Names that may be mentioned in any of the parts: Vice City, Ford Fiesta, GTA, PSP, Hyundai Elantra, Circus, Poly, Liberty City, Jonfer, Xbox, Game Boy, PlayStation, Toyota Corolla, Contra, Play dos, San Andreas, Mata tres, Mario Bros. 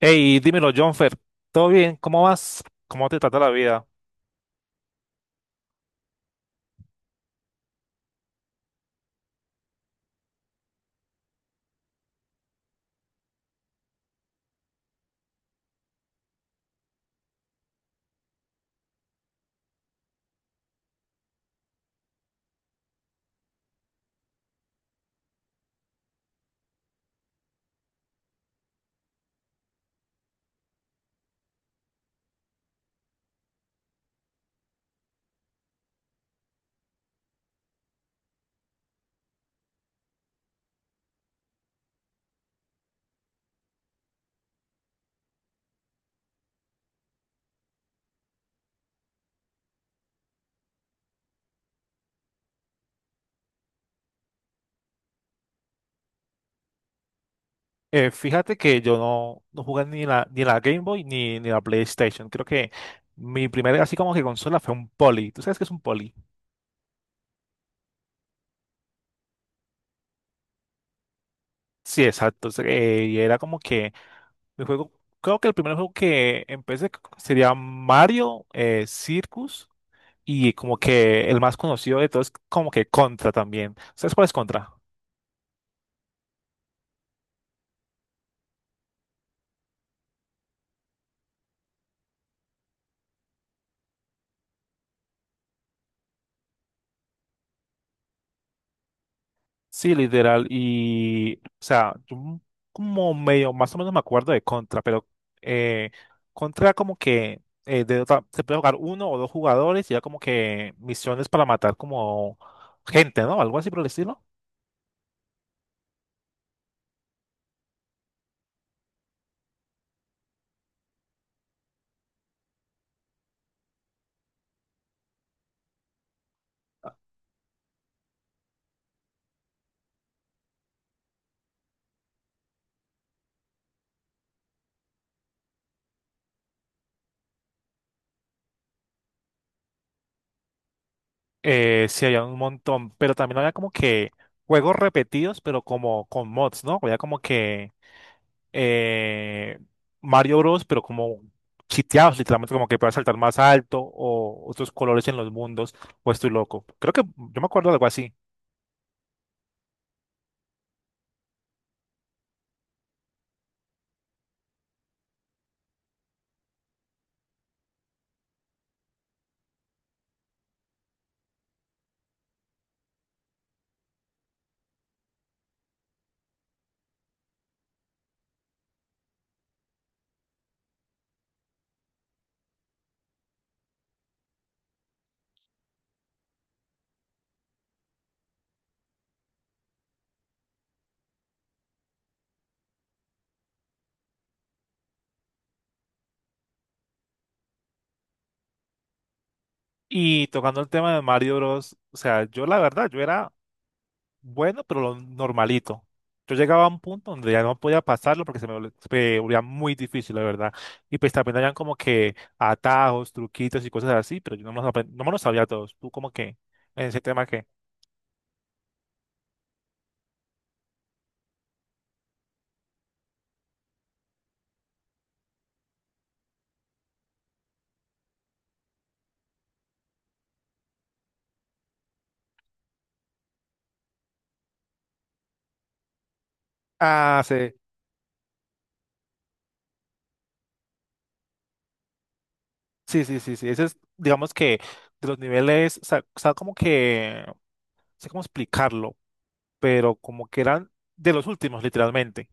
Hey, dímelo, Jonfer. ¿Todo bien? ¿Cómo vas? ¿Cómo te trata la vida? Fíjate que yo no jugué ni la Game Boy ni la PlayStation. Creo que mi primera así como que consola fue un Poly. ¿Tú sabes qué es un Poly? Sí, exacto. Y era como que mi juego, creo que el primer juego que sería Mario Circus, y como que el más conocido de todos es como que Contra también. ¿Sabes cuál es Contra? Sí, literal. Y, o sea, como medio, más o menos me acuerdo de Contra, pero eh, Contra como que se puede jugar uno o dos jugadores y era como que misiones para matar como gente, ¿no? Algo así por el estilo. Sí, había un montón, pero también había como que juegos repetidos, pero como con mods, ¿no? Había como que eh, Mario Bros, pero como chiteados, literalmente como que puedas saltar más alto o otros colores en los mundos, o estoy loco. Creo que yo me acuerdo de algo así. Y tocando el tema de Mario Bros, o sea, yo la verdad, yo era bueno, pero lo normalito. Yo llegaba a un punto donde ya no podía pasarlo porque se me volvía muy difícil, la verdad. Y pues también habían como que atajos, truquitos y cosas así, pero yo no me no me los sabía todos. Tú como que, en ese tema ¿qué? Ah, sí. Sí, sí, sí, sí. Ese es, digamos que de los niveles, o sea, como que, no sé cómo explicarlo, pero como que eran de los últimos, literalmente.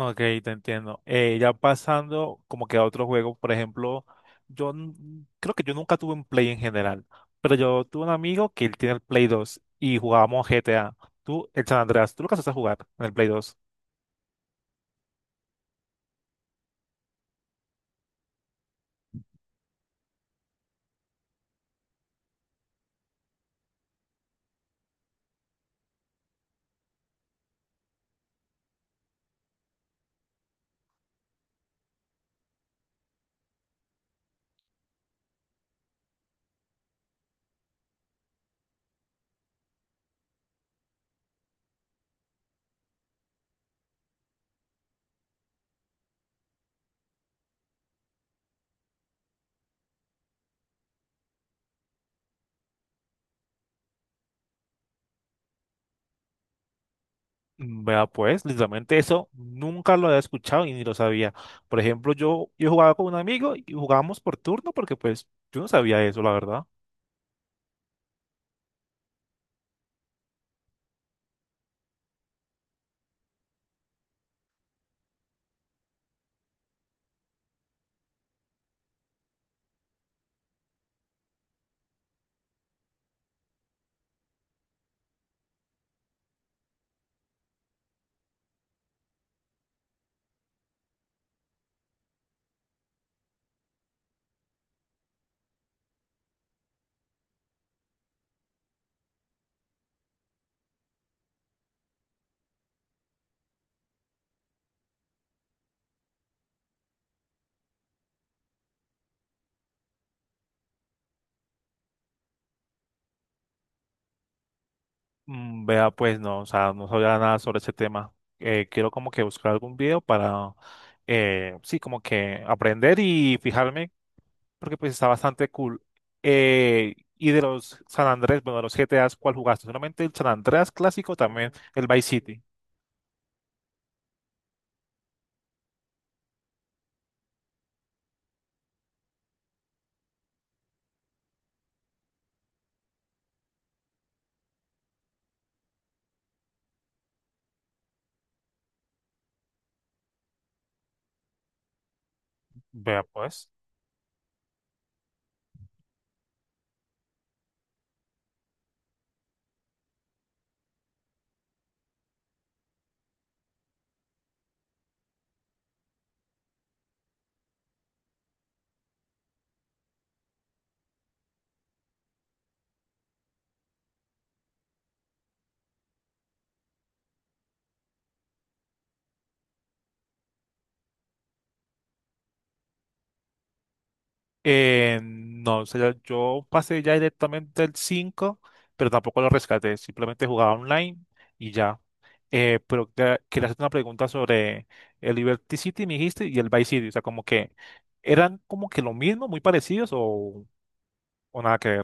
Ok, te entiendo. Ya pasando como que a otro juego, por ejemplo, creo que yo nunca tuve un Play en general, pero yo tuve un amigo que él tiene el Play dos y jugábamos GTA. Tú, el San Andreas, ¿tú lo alcanzaste a jugar en el Play dos? Vea, pues, literalmente eso nunca lo había escuchado y ni lo sabía. Por ejemplo, yo jugaba con un amigo y jugábamos por turno porque pues yo no sabía eso, la verdad. Mm, vea, pues no, o sea, no sabía nada sobre ese tema. Quiero como que buscar algún video para, sí, como que aprender y fijarme porque pues está bastante cool. Y de los San Andrés, bueno, de los GTAs, ¿cuál jugaste? Solamente el San Andrés clásico, también el Vice City. Vea, pues. No, o sea, yo pasé ya directamente el 5 pero tampoco lo rescaté, simplemente jugaba online y ya. Pero quería hacerte una pregunta sobre el Liberty City, me dijiste, y el Vice City, o sea, como que eran como que lo mismo, muy parecidos o nada que ver.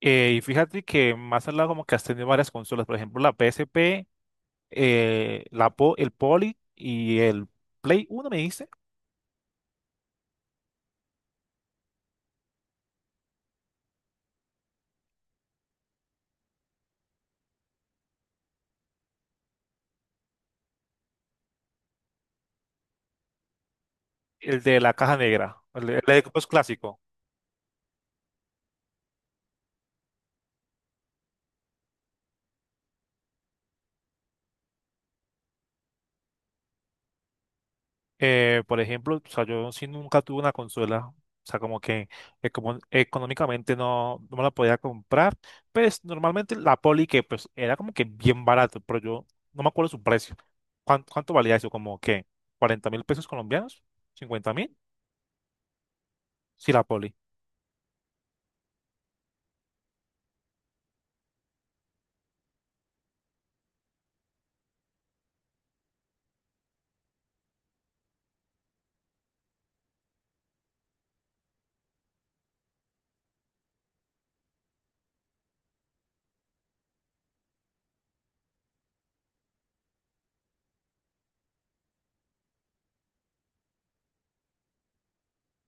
Y fíjate que más al lado como que has tenido varias consolas, por ejemplo, la PSP, el Poly y el Play uno, me dijiste, el de la caja negra, el de Xbox clásico. Por ejemplo, o sea, yo sí nunca tuve una consola, o sea, como que económicamente no me la podía comprar, pues normalmente la Poli que pues era como que bien barato, pero yo no me acuerdo su precio. ¿Cuánto valía eso? ¿Como que 40 mil pesos colombianos? ¿Cincuenta mil? Sí, la Poli.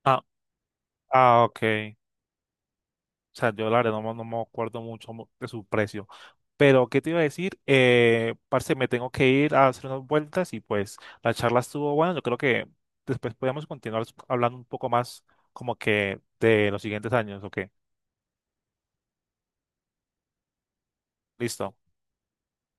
Ah, ok. O sea, yo la verdad no, me no me acuerdo mucho de su precio. Pero, ¿qué te iba a decir? Parce, me tengo que ir a hacer unas vueltas y pues la charla estuvo buena. Yo creo que después podemos continuar hablando un poco más como que de los siguientes años, ¿o qué? Listo.